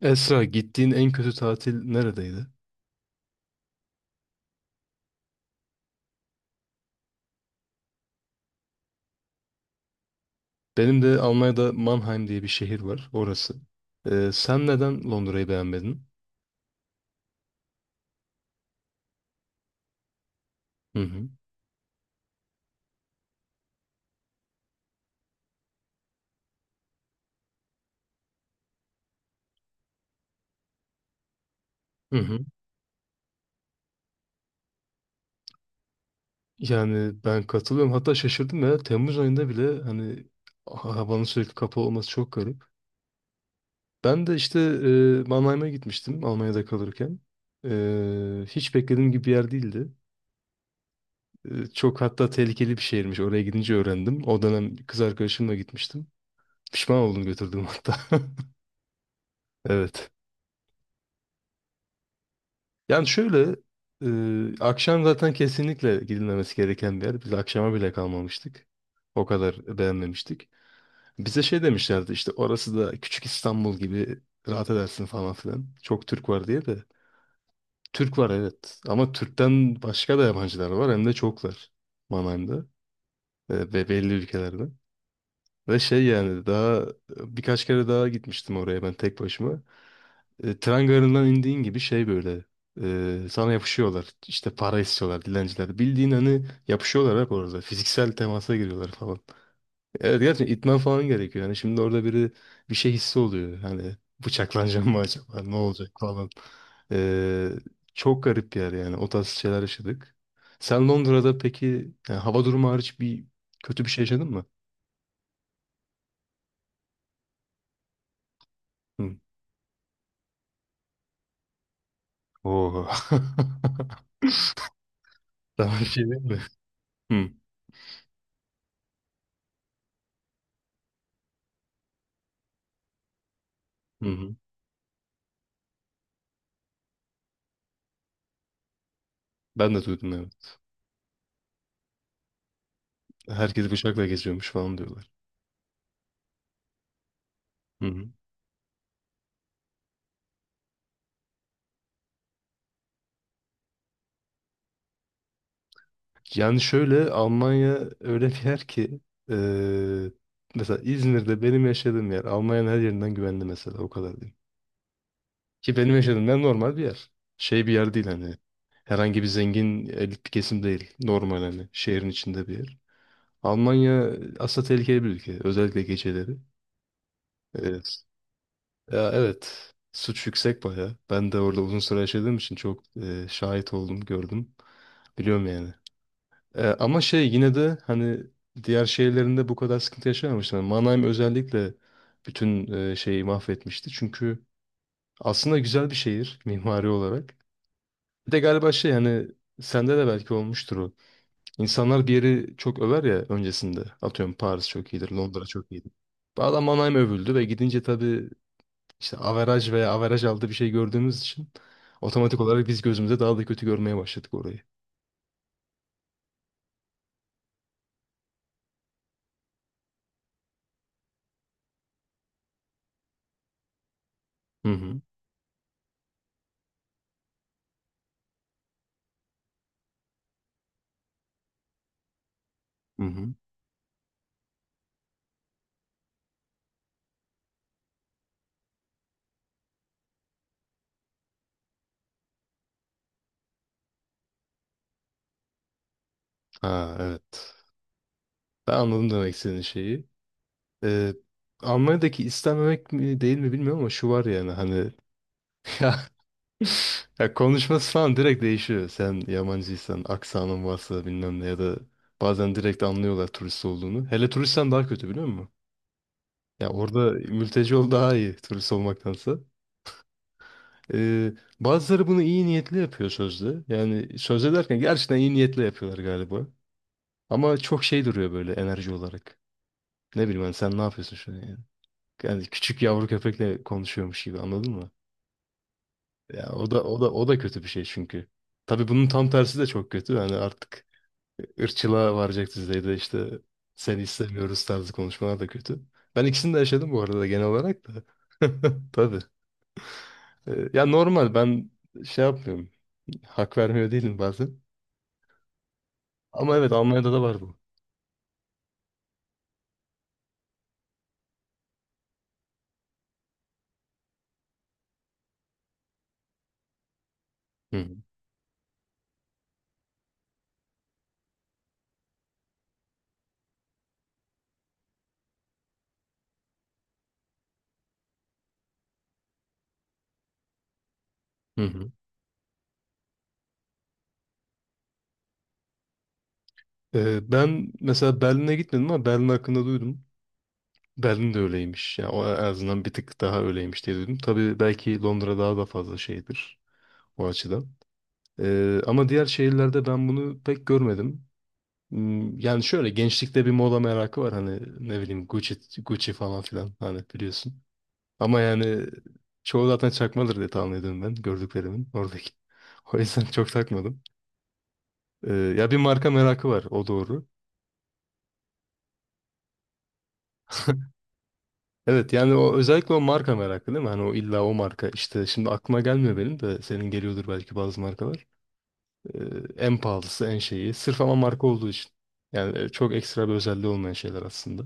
Esra, gittiğin en kötü tatil neredeydi? Benim de Almanya'da Mannheim diye bir şehir var, orası. Sen neden Londra'yı beğenmedin? Hı hı. Hı hı. Yani ben katılıyorum. Hatta şaşırdım ya. Temmuz ayında bile hani havanın sürekli kapalı olması çok garip. Ben de işte Mannheim'a gitmiştim Almanya'da kalırken. Hiç beklediğim gibi bir yer değildi. Çok hatta tehlikeli bir şehirmiş. Oraya gidince öğrendim. O dönem kız arkadaşımla gitmiştim. Pişman oldum götürdüğüm hatta. Evet. Yani şöyle akşam zaten kesinlikle gidilmemesi gereken bir yer. Biz akşama bile kalmamıştık. O kadar beğenmemiştik. Bize şey demişlerdi işte orası da küçük İstanbul gibi rahat edersin falan filan. Çok Türk var diye de. Türk var evet ama Türk'ten başka da yabancılar var hem de çoklar Mannheim'da ve belli ülkelerden. Ve şey yani daha birkaç kere daha gitmiştim oraya ben tek başıma. Tren garından indiğin gibi şey böyle sana yapışıyorlar. İşte para istiyorlar dilenciler. Bildiğin hani yapışıyorlar hep orada. Fiziksel temasa giriyorlar falan. Evet gerçekten itmen falan gerekiyor. Yani şimdi orada biri bir şey hissi oluyor. Hani bıçaklanacağım mı acaba? Ne olacak falan. E, Çok garip bir yer yani. O tarz şeyler yaşadık. Sen Londra'da peki yani hava durumu hariç bir kötü bir şey yaşadın mı? Hı. Oo. Sana bir şey diyeyim mi? Hı. Hı hı. Ben de duydum evet. Herkes bıçakla geziyormuş falan diyorlar. Hı hı. Yani şöyle Almanya öyle bir yer ki eee, mesela İzmir'de benim yaşadığım yer Almanya'nın her yerinden güvenli mesela o kadar diyeyim. Ki benim yaşadığım yer normal bir yer. Şey bir yer değil hani herhangi bir zengin elit bir kesim değil. Normal hani şehrin içinde bir yer. Almanya aslında tehlikeli bir ülke. Özellikle geceleri. Evet. Ya evet. Suç yüksek bayağı. Ben de orada uzun süre yaşadığım için çok şahit oldum, gördüm. Biliyorum yani. Ama şey yine de hani diğer şehirlerinde bu kadar sıkıntı yaşamamışlar. Mannheim özellikle bütün şeyi mahvetmişti. Çünkü aslında güzel bir şehir mimari olarak. Bir de galiba şey hani sende de belki olmuştur o. İnsanlar bir yeri çok över ya öncesinde. Atıyorum Paris çok iyidir, Londra çok iyidir. Bu adam Mannheim övüldü ve gidince tabii işte averaj veya averaj aldı bir şey gördüğümüz için otomatik olarak biz gözümüze daha da kötü görmeye başladık orayı. Hı hı. Hı hı. Ha evet. Ben anladım demek istediğin şeyi. Ee, Almanya'daki istenmemek mi değil mi bilmiyorum ama şu var yani hani ya, ya konuşması falan direkt değişiyor. Sen yabancıysan, aksanın varsa bilmem ne ya da bazen direkt anlıyorlar turist olduğunu. Hele turistsen daha kötü biliyor musun? Ya orada mülteci ol daha iyi turist olmaktansa. Ee, Bazıları bunu iyi niyetli yapıyor sözde. Yani sözde derken gerçekten iyi niyetli yapıyorlar galiba. Ama çok şey duruyor böyle enerji olarak. Ne bileyim ben sen ne yapıyorsun şu an yani? Yani küçük yavru köpekle konuşuyormuş gibi anladın mı? Ya o da o da o da kötü bir şey çünkü. Tabii bunun tam tersi de çok kötü. Yani artık ırkçılığa varacak düzeyde işte seni istemiyoruz tarzı konuşmalar da kötü. Ben ikisini de yaşadım bu arada genel olarak da. Tabii. Ya normal ben şey yapmıyorum. Hak vermiyor değilim bazen. Ama evet Almanya'da da var bu. Hı hı. Hı hı. Ben mesela Berlin'e gitmedim ama Berlin hakkında duydum. Berlin de öyleymiş. Ya o en azından bir tık daha öyleymiş diye duydum. Tabii belki Londra daha da fazla şeydir o açıdan. Ama diğer şehirlerde ben bunu pek görmedim. Yani şöyle gençlikte bir moda merakı var hani ne bileyim Gucci, Gucci falan filan hani biliyorsun. Ama yani çoğu zaten çakmadır diye tahmin ediyorum ben gördüklerimin oradaki. O yüzden çok takmadım. Ya bir marka merakı var o doğru. Evet yani o özellikle o marka merakı değil mi? Hani o illa o marka işte şimdi aklıma gelmiyor benim de senin geliyordur belki bazı markalar. Ee, En pahalısı en şeyi sırf ama marka olduğu için. Yani çok ekstra bir özelliği olmayan şeyler aslında.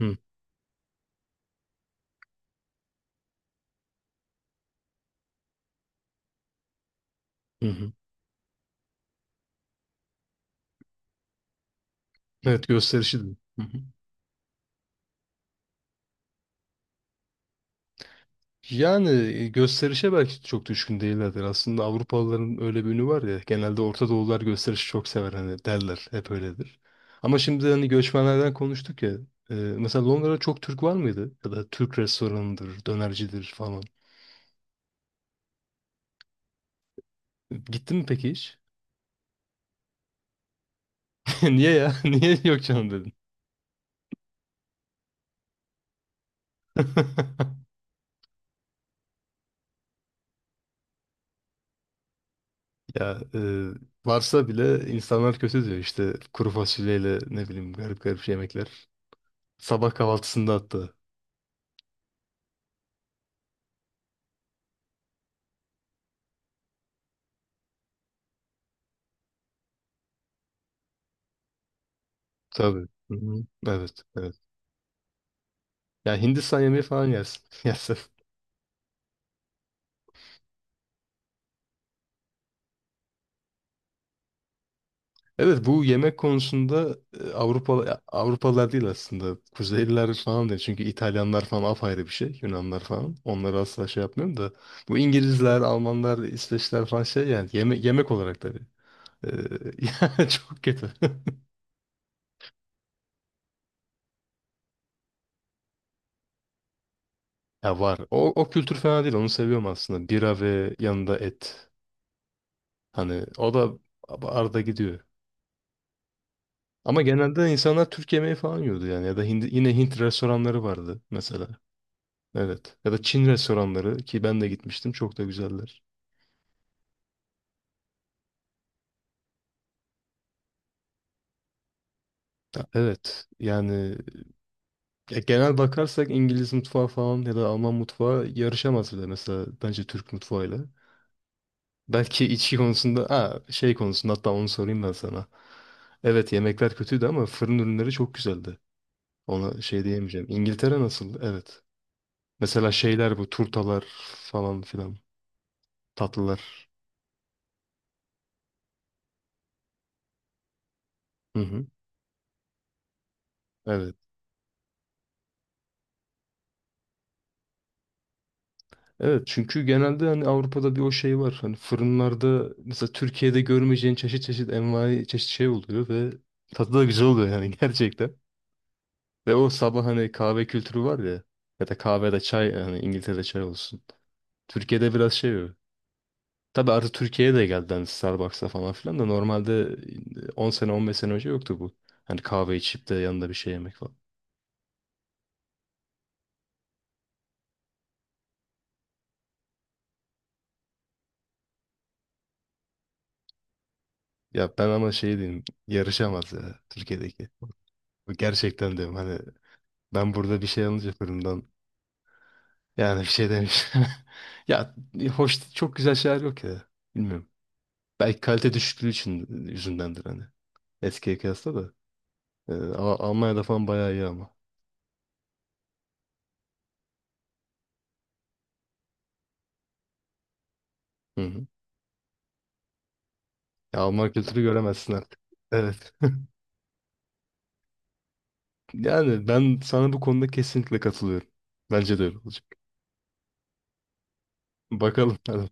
Hı hı. Hı. Evet gösterişi de. Hı hı. Yani gösterişe belki çok düşkün değillerdir. Aslında Avrupalıların öyle bir ünü var ya. Genelde Orta Doğulular gösterişi çok sever hani derler. Hep öyledir. Ama şimdi hani göçmenlerden konuştuk ya. Mesela Londra'da çok Türk var mıydı? Ya da Türk restoranıdır, dönercidir falan. Gittin mi peki hiç? Niye ya? Niye yok canım dedin? Ya varsa bile insanlar kötü diyor işte kuru fasulyeyle ne bileyim garip garip yemekler. Sabah kahvaltısında hatta. Tabii. Hı hı. Evet, evet. Ya Hindistan yemeği falan yersin. yersin. Evet bu yemek konusunda Avrupalılar değil aslında. Kuzeyliler falan değil. Çünkü İtalyanlar falan apayrı bir şey. Yunanlar falan. Onları asla şey yapmıyorum da. Bu İngilizler, Almanlar, İsveçler falan şey yani. Yemek olarak tabii. Ee, Yani çok kötü. Ya var. O kültür fena değil. Onu seviyorum aslında. Bira ve yanında et. Hani o da arada gidiyor. Ama genelde insanlar Türk yemeği falan yiyordu yani. Ya da yine Hint restoranları vardı mesela. Evet. Ya da Çin restoranları ki ben de gitmiştim çok da güzeller. Ya evet. Yani ya genel bakarsak İngiliz mutfağı falan ya da Alman mutfağı yarışamaz bile mesela bence Türk mutfağıyla. Belki içki konusunda ha, şey konusunda hatta onu sorayım ben sana. Evet yemekler kötüydü ama fırın ürünleri çok güzeldi. Ona şey diyemeyeceğim. İngiltere nasıl? Evet. Mesela şeyler bu turtalar falan filan tatlılar. Hı hı. Evet. Evet çünkü genelde hani Avrupa'da bir o şey var. Hani fırınlarda mesela Türkiye'de görmeyeceğin çeşit çeşit envai çeşit şey oluyor ve tadı da güzel oluyor yani gerçekten. Ve o sabah hani kahve kültürü var ya ya da kahvede çay hani İngiltere'de çay olsun. Türkiye'de biraz şey o. Tabii artık Türkiye'ye de geldi hani Starbucks'a falan filan da normalde 10 sene 15 sene önce yoktu bu. Hani kahve içip de yanında bir şey yemek falan. Ya ben ama şey diyeyim yarışamaz ya Türkiye'deki. Gerçekten diyorum hani ben burada bir şey alınca fırından. Yani bir şey demiş. Ya hoş çok güzel şeyler yok ya. Bilmiyorum. Belki kalite düşüklüğü için yüzündendir hani. Eskiye kıyasla da. Ama Almanya'da falan bayağı iyi ama. Hı hı. Ya Alman kültürü göremezsin artık. Evet. Yani ben sana bu konuda kesinlikle katılıyorum. Bence de öyle olacak. Bakalım. Hadi.